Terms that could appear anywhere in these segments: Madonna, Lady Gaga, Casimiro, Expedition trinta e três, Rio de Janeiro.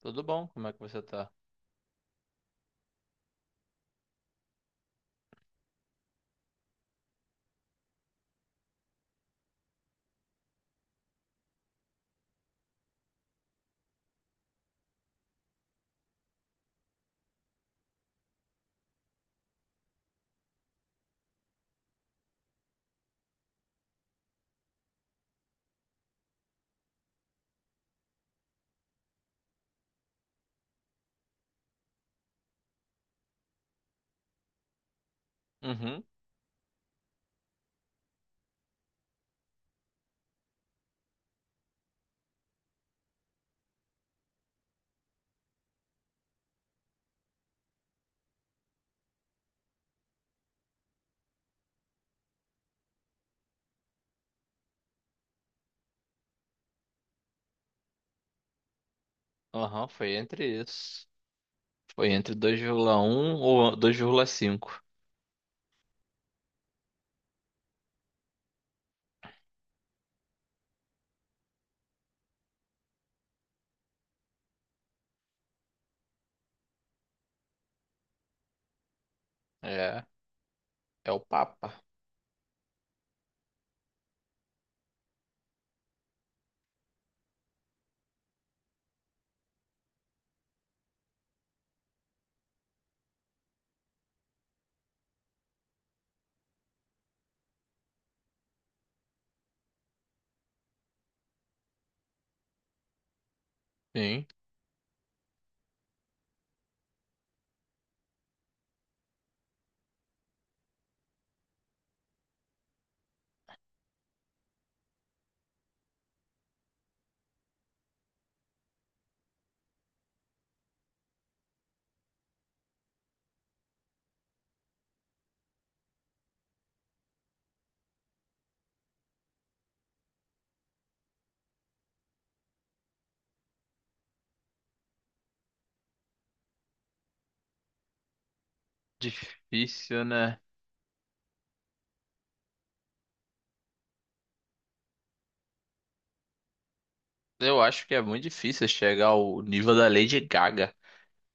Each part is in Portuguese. Tudo bom? Como é que você tá? Uhum. Aham, foi entre isso. Foi entre dois, vírgula um ou dois, vírgula cinco. É, é o Papa. Sim. Difícil, né? Eu acho que é muito difícil chegar ao nível da Lady Gaga.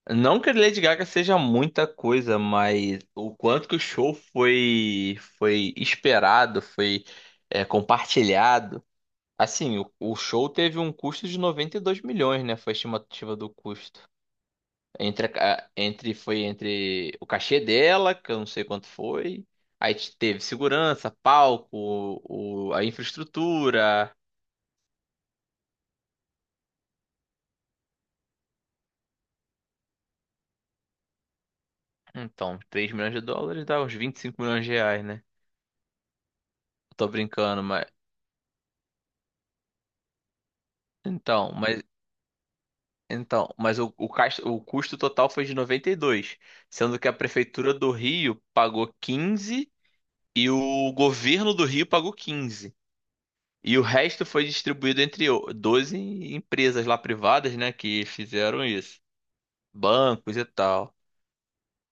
Não que a Lady Gaga seja muita coisa, mas o quanto que o show foi esperado, foi compartilhado. Assim, o show teve um custo de 92 milhões, né? Foi a estimativa do custo. Entre, a ca- entre, foi entre o cachê dela, que eu não sei quanto foi. Aí teve segurança, palco, a infraestrutura. Então, três milhões de dólares dá uns 25 milhões de reais, né? Tô brincando, mas. Então, mas. Então, mas o custo total foi de noventa e dois, sendo que a prefeitura do Rio pagou 15 e o governo do Rio pagou quinze. E o resto foi distribuído entre 12 empresas lá privadas, né, que fizeram isso, bancos e tal.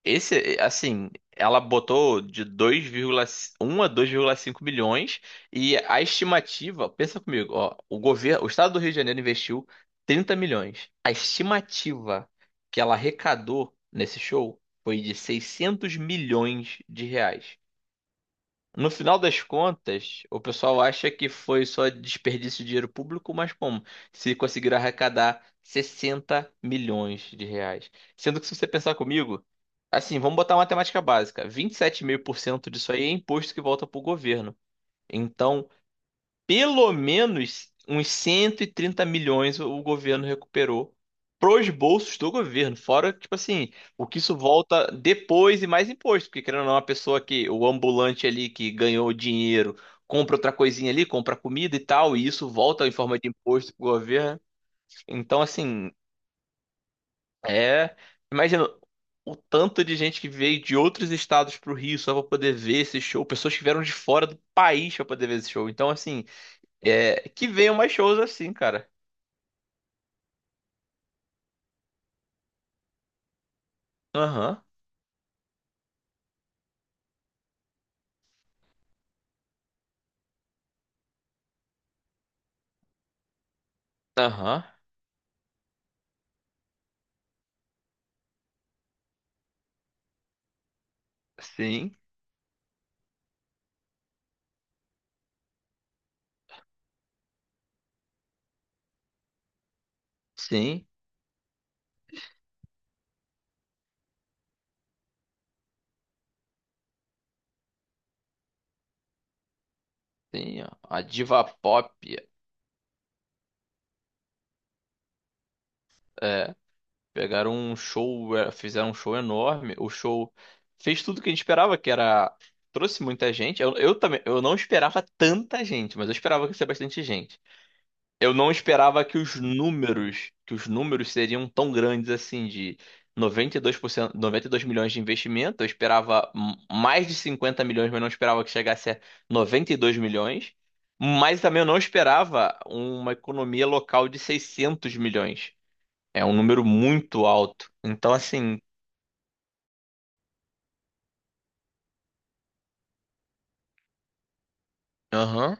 Esse, assim, ela botou de 2,1 a dois vírgula cinco milhões. E a estimativa, pensa comigo, ó, o governo, o estado do Rio de Janeiro investiu 30 milhões. A estimativa que ela arrecadou nesse show foi de 600 milhões de reais. No final das contas, o pessoal acha que foi só desperdício de dinheiro público, mas como? Se conseguiram arrecadar 60 milhões de reais. Sendo que se você pensar comigo, assim, vamos botar uma matemática básica. Vinte e sete vírgula cinco por cento disso aí é imposto que volta pro governo. Então, pelo menos uns 130 milhões o governo recuperou pros bolsos do governo. Fora, tipo assim, o que isso volta depois e mais imposto. Porque, querendo ou não, a pessoa que, o ambulante ali que ganhou dinheiro, compra outra coisinha ali, compra comida e tal, e isso volta em forma de imposto pro governo. Então, assim, é, imagina o tanto de gente que veio de outros estados pro Rio só pra poder ver esse show. Pessoas que vieram de fora do país pra poder ver esse show. Então, assim, é, que venham mais shows assim, cara. Aham, aham, sim, sim, sim. Ó. A diva pop, é, pegaram um show, é, fizeram um show enorme. O show fez tudo o que a gente esperava, que era... Trouxe muita gente. Eu também, eu não esperava tanta gente, mas eu esperava que ia ser bastante gente. Eu não esperava que os números seriam tão grandes assim, de 92%, 92 milhões de investimento. Eu esperava mais de 50 milhões, mas não esperava que chegasse a 92 milhões. Mas também eu não esperava uma economia local de 600 milhões. É um número muito alto. Então, assim, aham,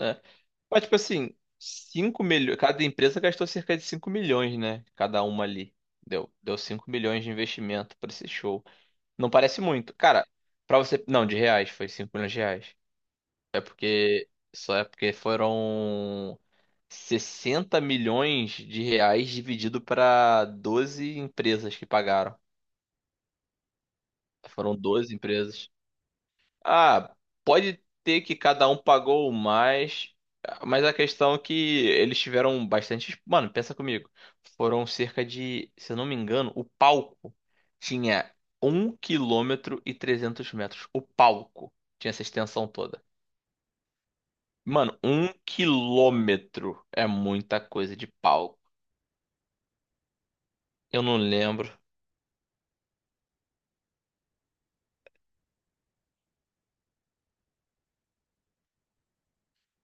é. Mas, tipo assim, cinco milhões. Cada empresa gastou cerca de 5 milhões, né? Cada uma ali. Deu 5 milhões de investimento pra esse show. Não parece muito. Cara, pra você. Não, de reais, foi 5 milhões de reais. É porque. Só é porque foram 60 milhões de reais dividido pra 12 empresas que pagaram. Foram 12 empresas. Ah, pode ter que cada um pagou mais, mas a questão é que eles tiveram bastante. Mano, pensa comigo. Foram cerca de, se eu não me engano, o palco tinha um quilômetro e 300 metros. O palco tinha essa extensão toda. Mano, um quilômetro é muita coisa de palco. Eu não lembro.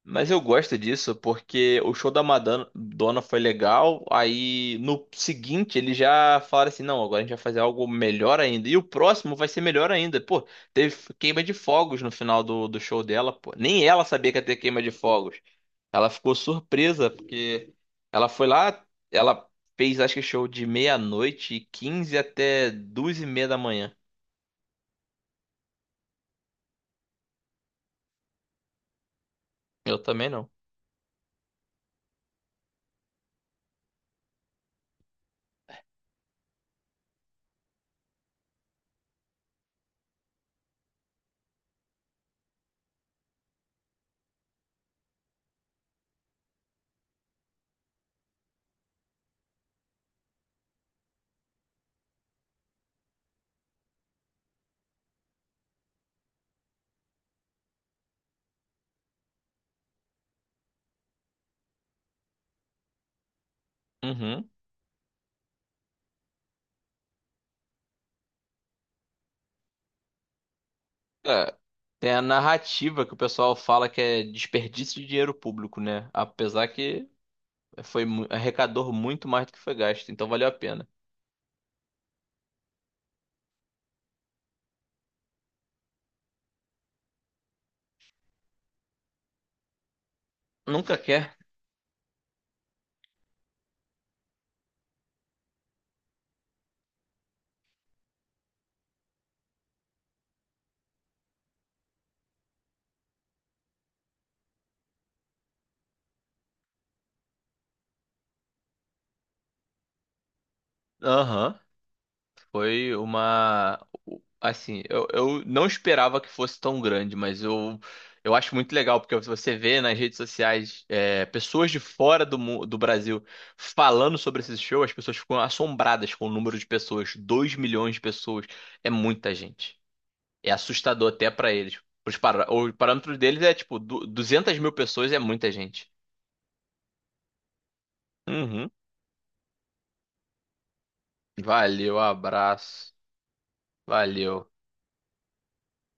Mas eu gosto disso porque o show da Madonna foi legal. Aí no seguinte eles já falaram assim: não, agora a gente vai fazer algo melhor ainda. E o próximo vai ser melhor ainda. Pô, teve queima de fogos no final do show dela. Pô. Nem ela sabia que ia ter queima de fogos. Ela ficou surpresa porque ela foi lá, ela fez acho que show de meia-noite e 15 até duas e meia da manhã. Eu também não. Uhum. É, tem a narrativa que o pessoal fala que é desperdício de dinheiro público, né? Apesar que arrecadou muito mais do que foi gasto, então valeu a pena. Nunca quer. Aham. Foi uma. Assim, eu não esperava que fosse tão grande, mas eu acho muito legal, porque você vê nas redes sociais é, pessoas de fora do Brasil falando sobre esse show, as pessoas ficam assombradas com o número de pessoas. 2 milhões de pessoas. É muita gente. É assustador até pra eles. O parâmetro deles é tipo 200 mil pessoas é muita gente. Uhum. Valeu, abraço. Valeu.